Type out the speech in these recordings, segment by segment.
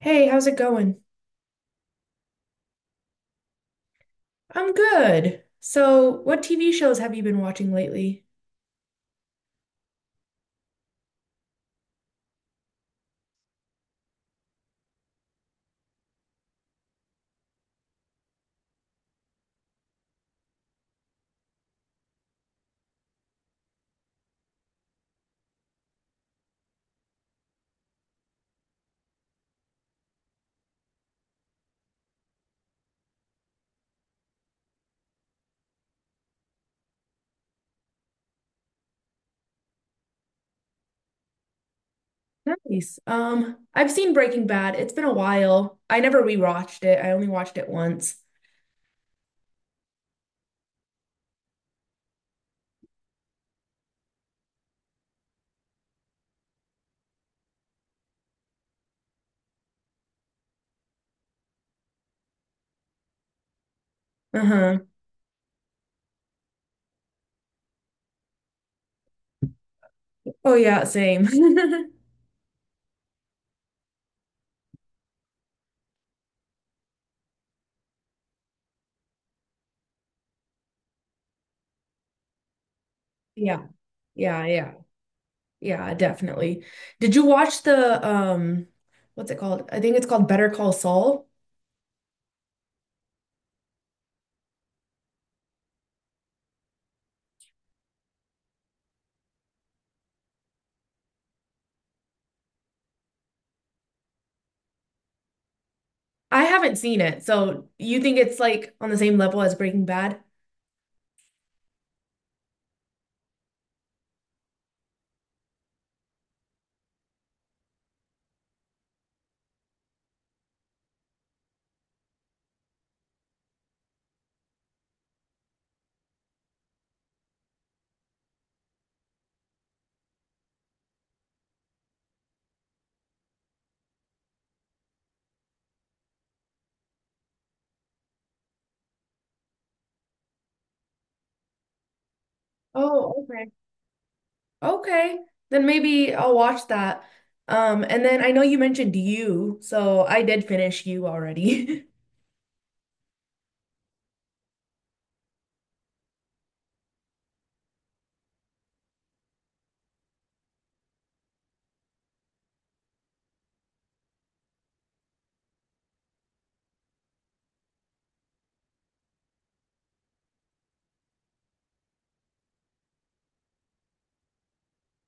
Hey, how's it going? I'm good. So, what TV shows have you been watching lately? Nice. I've seen Breaking Bad. It's been a while. I never rewatched it. I only watched it once. Uh-huh. Oh yeah, same. Yeah, yeah, yeah. Yeah, definitely. Did you watch the what's it called? I think it's called Better Call Saul. I haven't seen it. So, you think it's like on the same level as Breaking Bad? Oh, okay, then maybe I'll watch that. And then I know you mentioned you, so I did finish you already.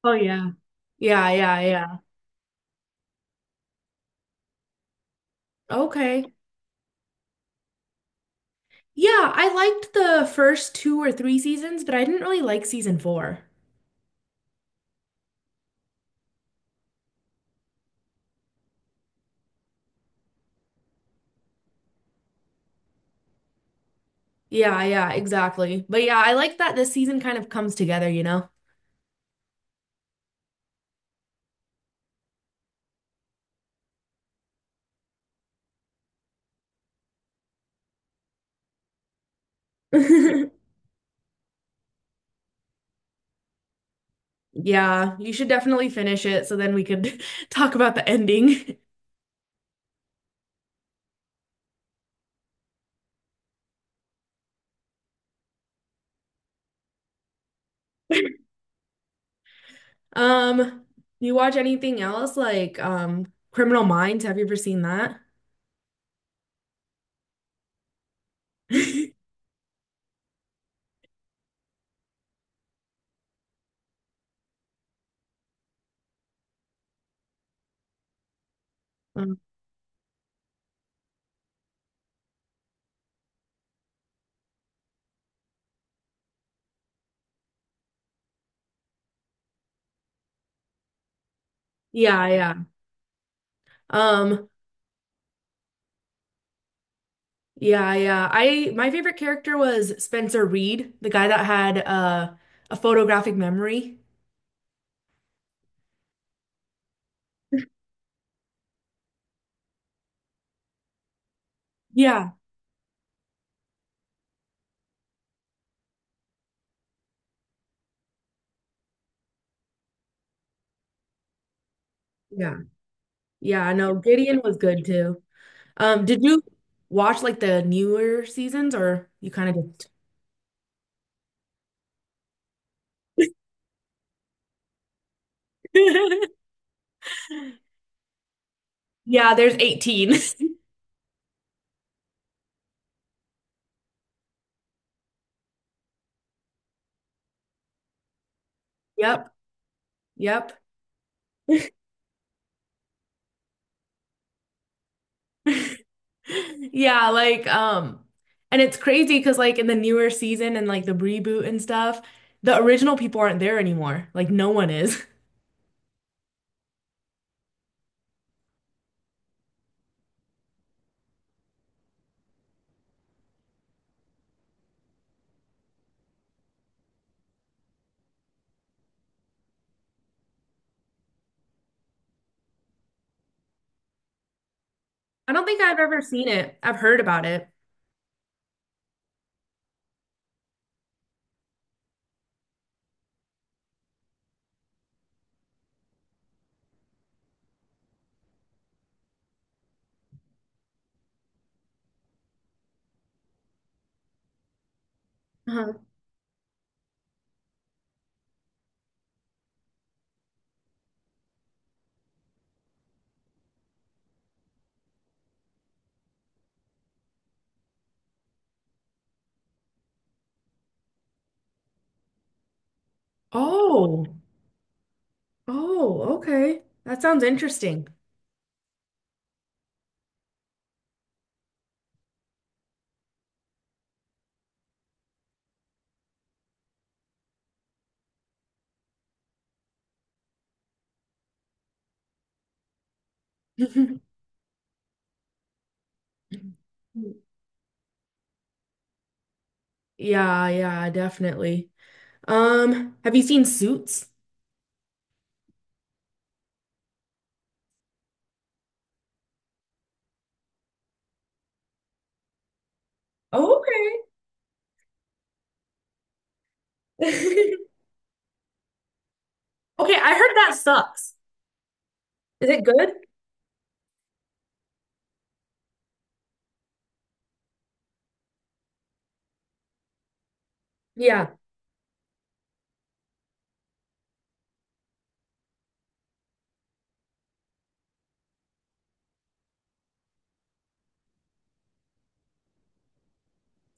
Oh yeah. Yeah, yeah, yeah. Okay. Yeah, I liked the first two or three seasons, but I didn't really like season four. Yeah, yeah, exactly. But yeah, I like that this season kind of comes together, you know? Yeah, you should definitely finish it so then we could talk about the ending. Um, you watch anything else like Criminal Minds? Have you ever seen that? Um, yeah, yeah. Um, yeah, yeah. I My favorite character was Spencer Reed, the guy that had a photographic memory. Yeah, yeah. Yeah, I know Gideon was good too. Did you watch like the newer seasons or you kind of just Yeah, there's 18. Yep. Yep. Yeah, like and it's crazy because like in the newer season and like the reboot and stuff, the original people aren't there anymore. Like no one is. I don't think I've ever seen it. I've heard about it. Uh-huh. Oh. Oh, okay. That sounds interesting. Yeah, yeah, definitely. Have you seen Suits? Oh, okay. Okay, I heard that sucks. Is it good? Yeah.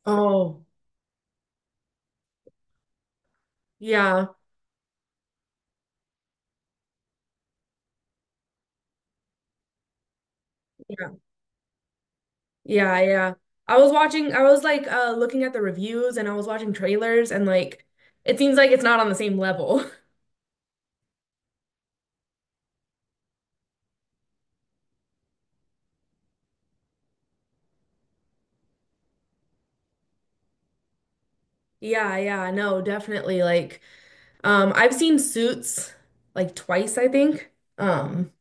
Oh, yeah, yeah, yeah, yeah. I was watching, I was like looking at the reviews and I was watching trailers and like it seems like it's not on the same level. Yeah, yeah, no, definitely. Like, I've seen Suits like twice, I think. Um,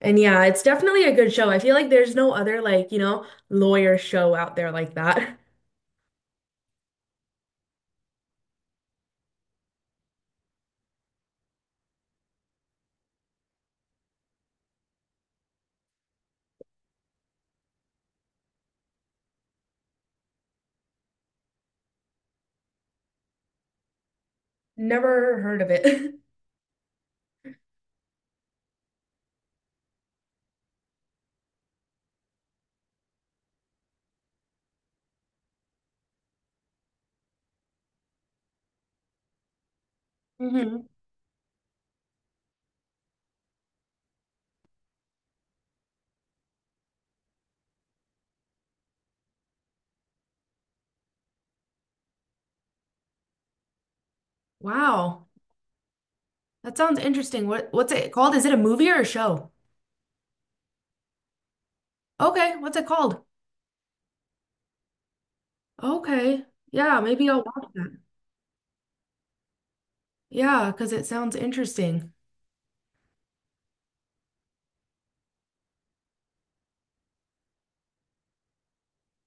And yeah, it's definitely a good show. I feel like there's no other like, you know, lawyer show out there like that. Never heard of it. Hmm. Wow. That sounds interesting. What what's it called? Is it a movie or a show? Okay, what's it called? Okay. Yeah, maybe I'll watch that. Yeah, because it sounds interesting.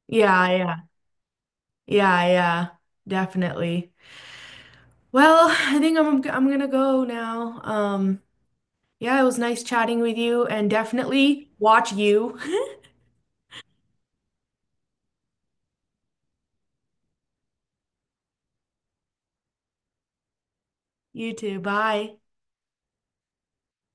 Yeah, yeah. Yeah, yeah. Definitely. Well, I think I'm gonna go now. Yeah, it was nice chatting with you and definitely watch you. You too. Bye.